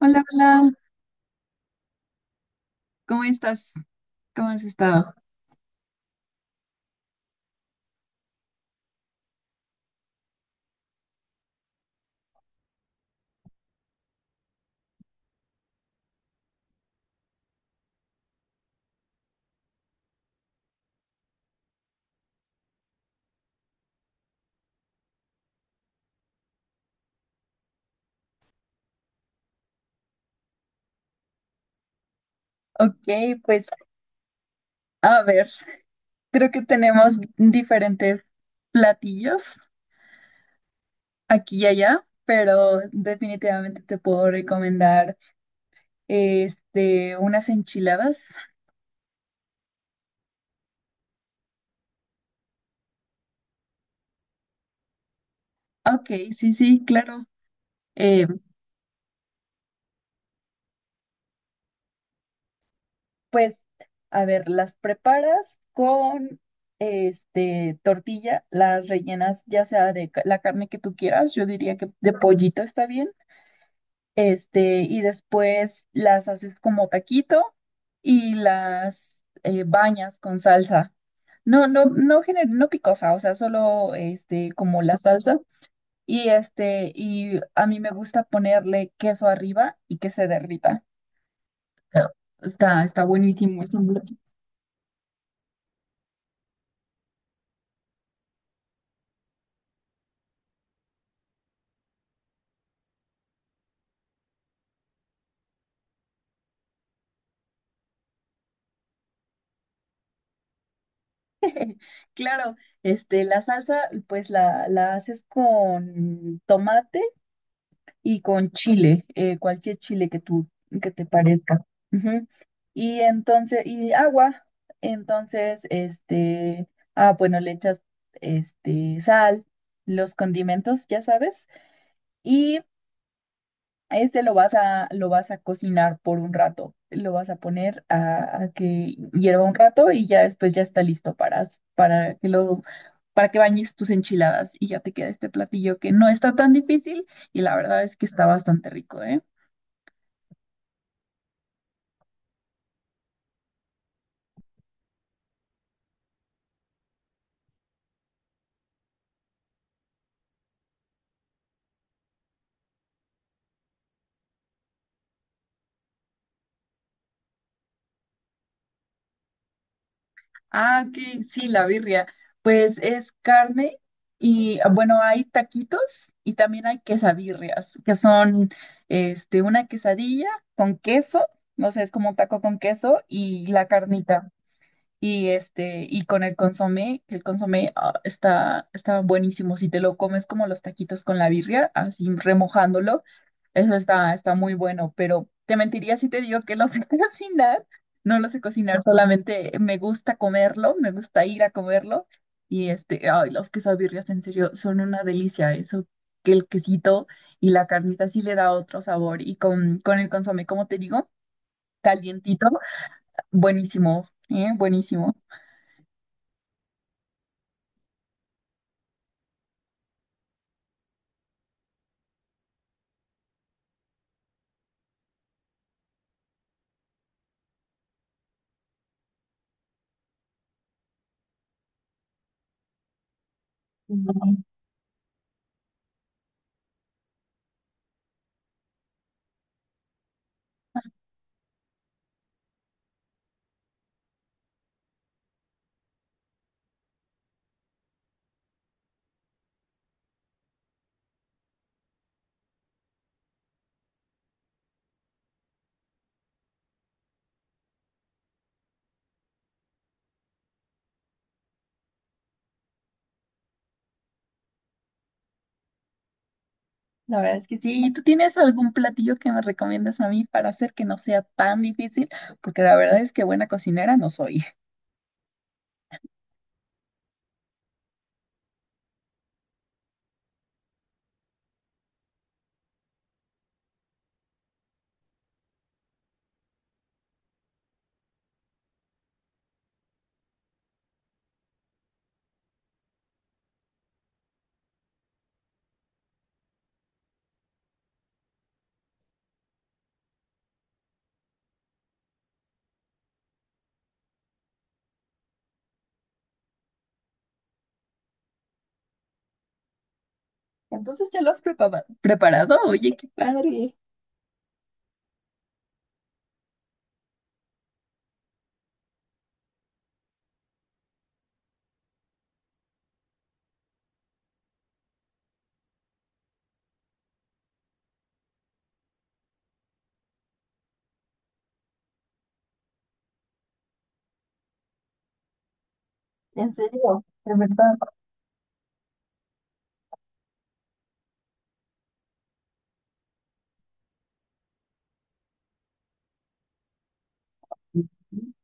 Hola, hola, ¿cómo estás? ¿Cómo has estado? Ok, pues a ver, creo que tenemos diferentes platillos aquí y allá, pero definitivamente te puedo recomendar unas enchiladas. Ok, sí, sí, claro. Eh, pues a ver, las preparas con tortilla, las rellenas ya sea de la carne que tú quieras, yo diría que de pollito está bien y después las haces como taquito y las bañas con salsa. No, no, no, no picosa, o sea, solo como la salsa. Y y a mí me gusta ponerle queso arriba y que se derrita. Ah. Está, está buenísimo. Es un… Claro, la salsa, pues la haces con tomate y con chile, cualquier chile que que te parezca. Ujú. Y entonces, y agua, entonces, ah, bueno, le echas, sal, los condimentos, ya sabes, y lo vas a cocinar por un rato, lo vas a poner a que hierva un rato y ya después ya está listo para, para que lo, para que bañes tus enchiladas y ya te queda este platillo que no está tan difícil y la verdad es que está bastante rico, ¿eh? Ah, ok, sí, la birria. Pues es carne y ah, bueno, hay taquitos y también hay quesabirrias, que son una quesadilla con queso, no sé, es como un taco con queso y la carnita. Y y con el consomé, que el consomé ah, está, está buenísimo. Si te lo comes como los taquitos con la birria, así remojándolo, eso está, está muy bueno. Pero te mentiría si te digo que lo sé cocinar. No lo sé cocinar, solamente me gusta comerlo, me gusta ir a comerlo. Y ay, los quesabirrias en serio son una delicia. Eso, que el quesito y la carnita sí le da otro sabor. Y con el consomé, como te digo, calientito, buenísimo, ¿eh? Buenísimo. La verdad es que sí. ¿Y tú tienes algún platillo que me recomiendas a mí para hacer que no sea tan difícil? Porque la verdad es que buena cocinera no soy. Entonces, ¿ya lo has preparado? Oye, qué padre. En serio, de verdad. Sí, sí,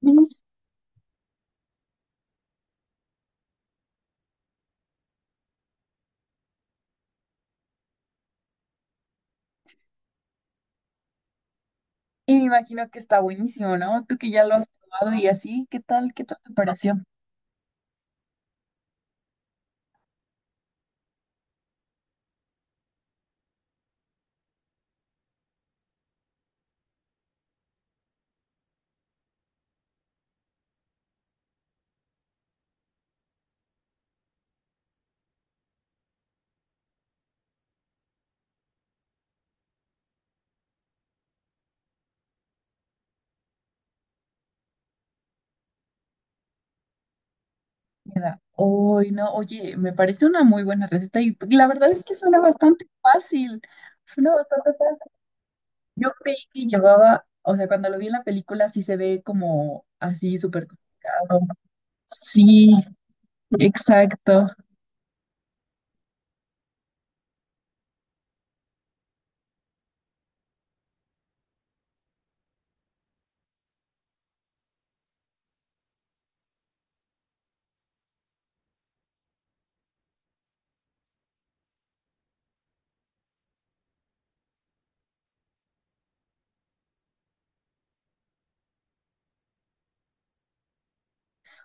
sí. Y me imagino que está buenísimo, ¿no? Tú que ya lo has probado y así, ¿qué tal? ¿Qué tal te pareció? Uy, no, oye, me parece una muy buena receta y la verdad es que suena bastante fácil. Suena bastante fácil. Yo creí que llevaba, o sea, cuando lo vi en la película sí se ve como así súper complicado. Sí, exacto.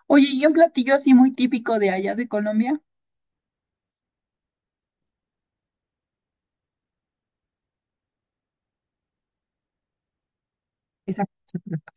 Oye, ¿y un platillo así muy típico de allá de Colombia? Esa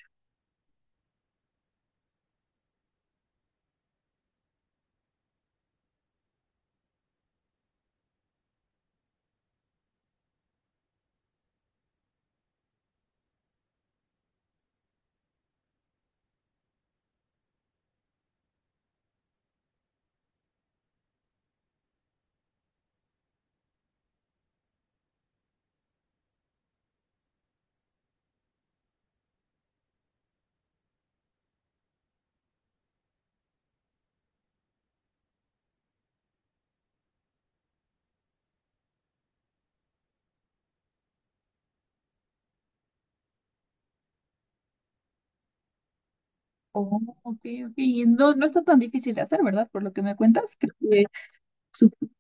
Oh, ok, ok. Y no, no está tan difícil de hacer, ¿verdad? Por lo que me cuentas, creo que supongo.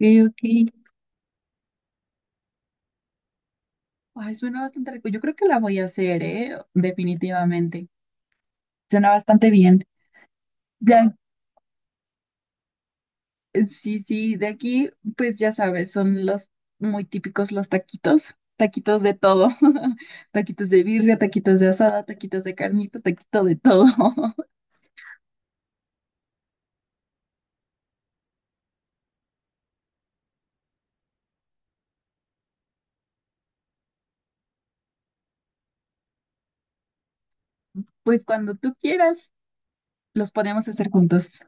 Ok, ok. Ay, suena bastante rico. Yo creo que la voy a hacer, ¿eh? Definitivamente. Suena bastante bien. Ya. Sí, sí, de aquí, pues ya sabes, son los muy típicos los taquitos, taquitos de todo, taquitos de birria, taquitos de asada, taquitos de carnita, taquito de todo. Pues cuando tú quieras, los podemos hacer juntos.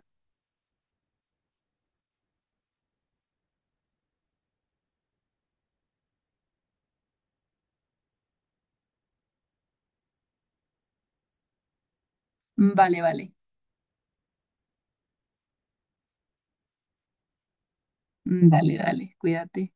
Vale, vale, dale, dale, cuídate.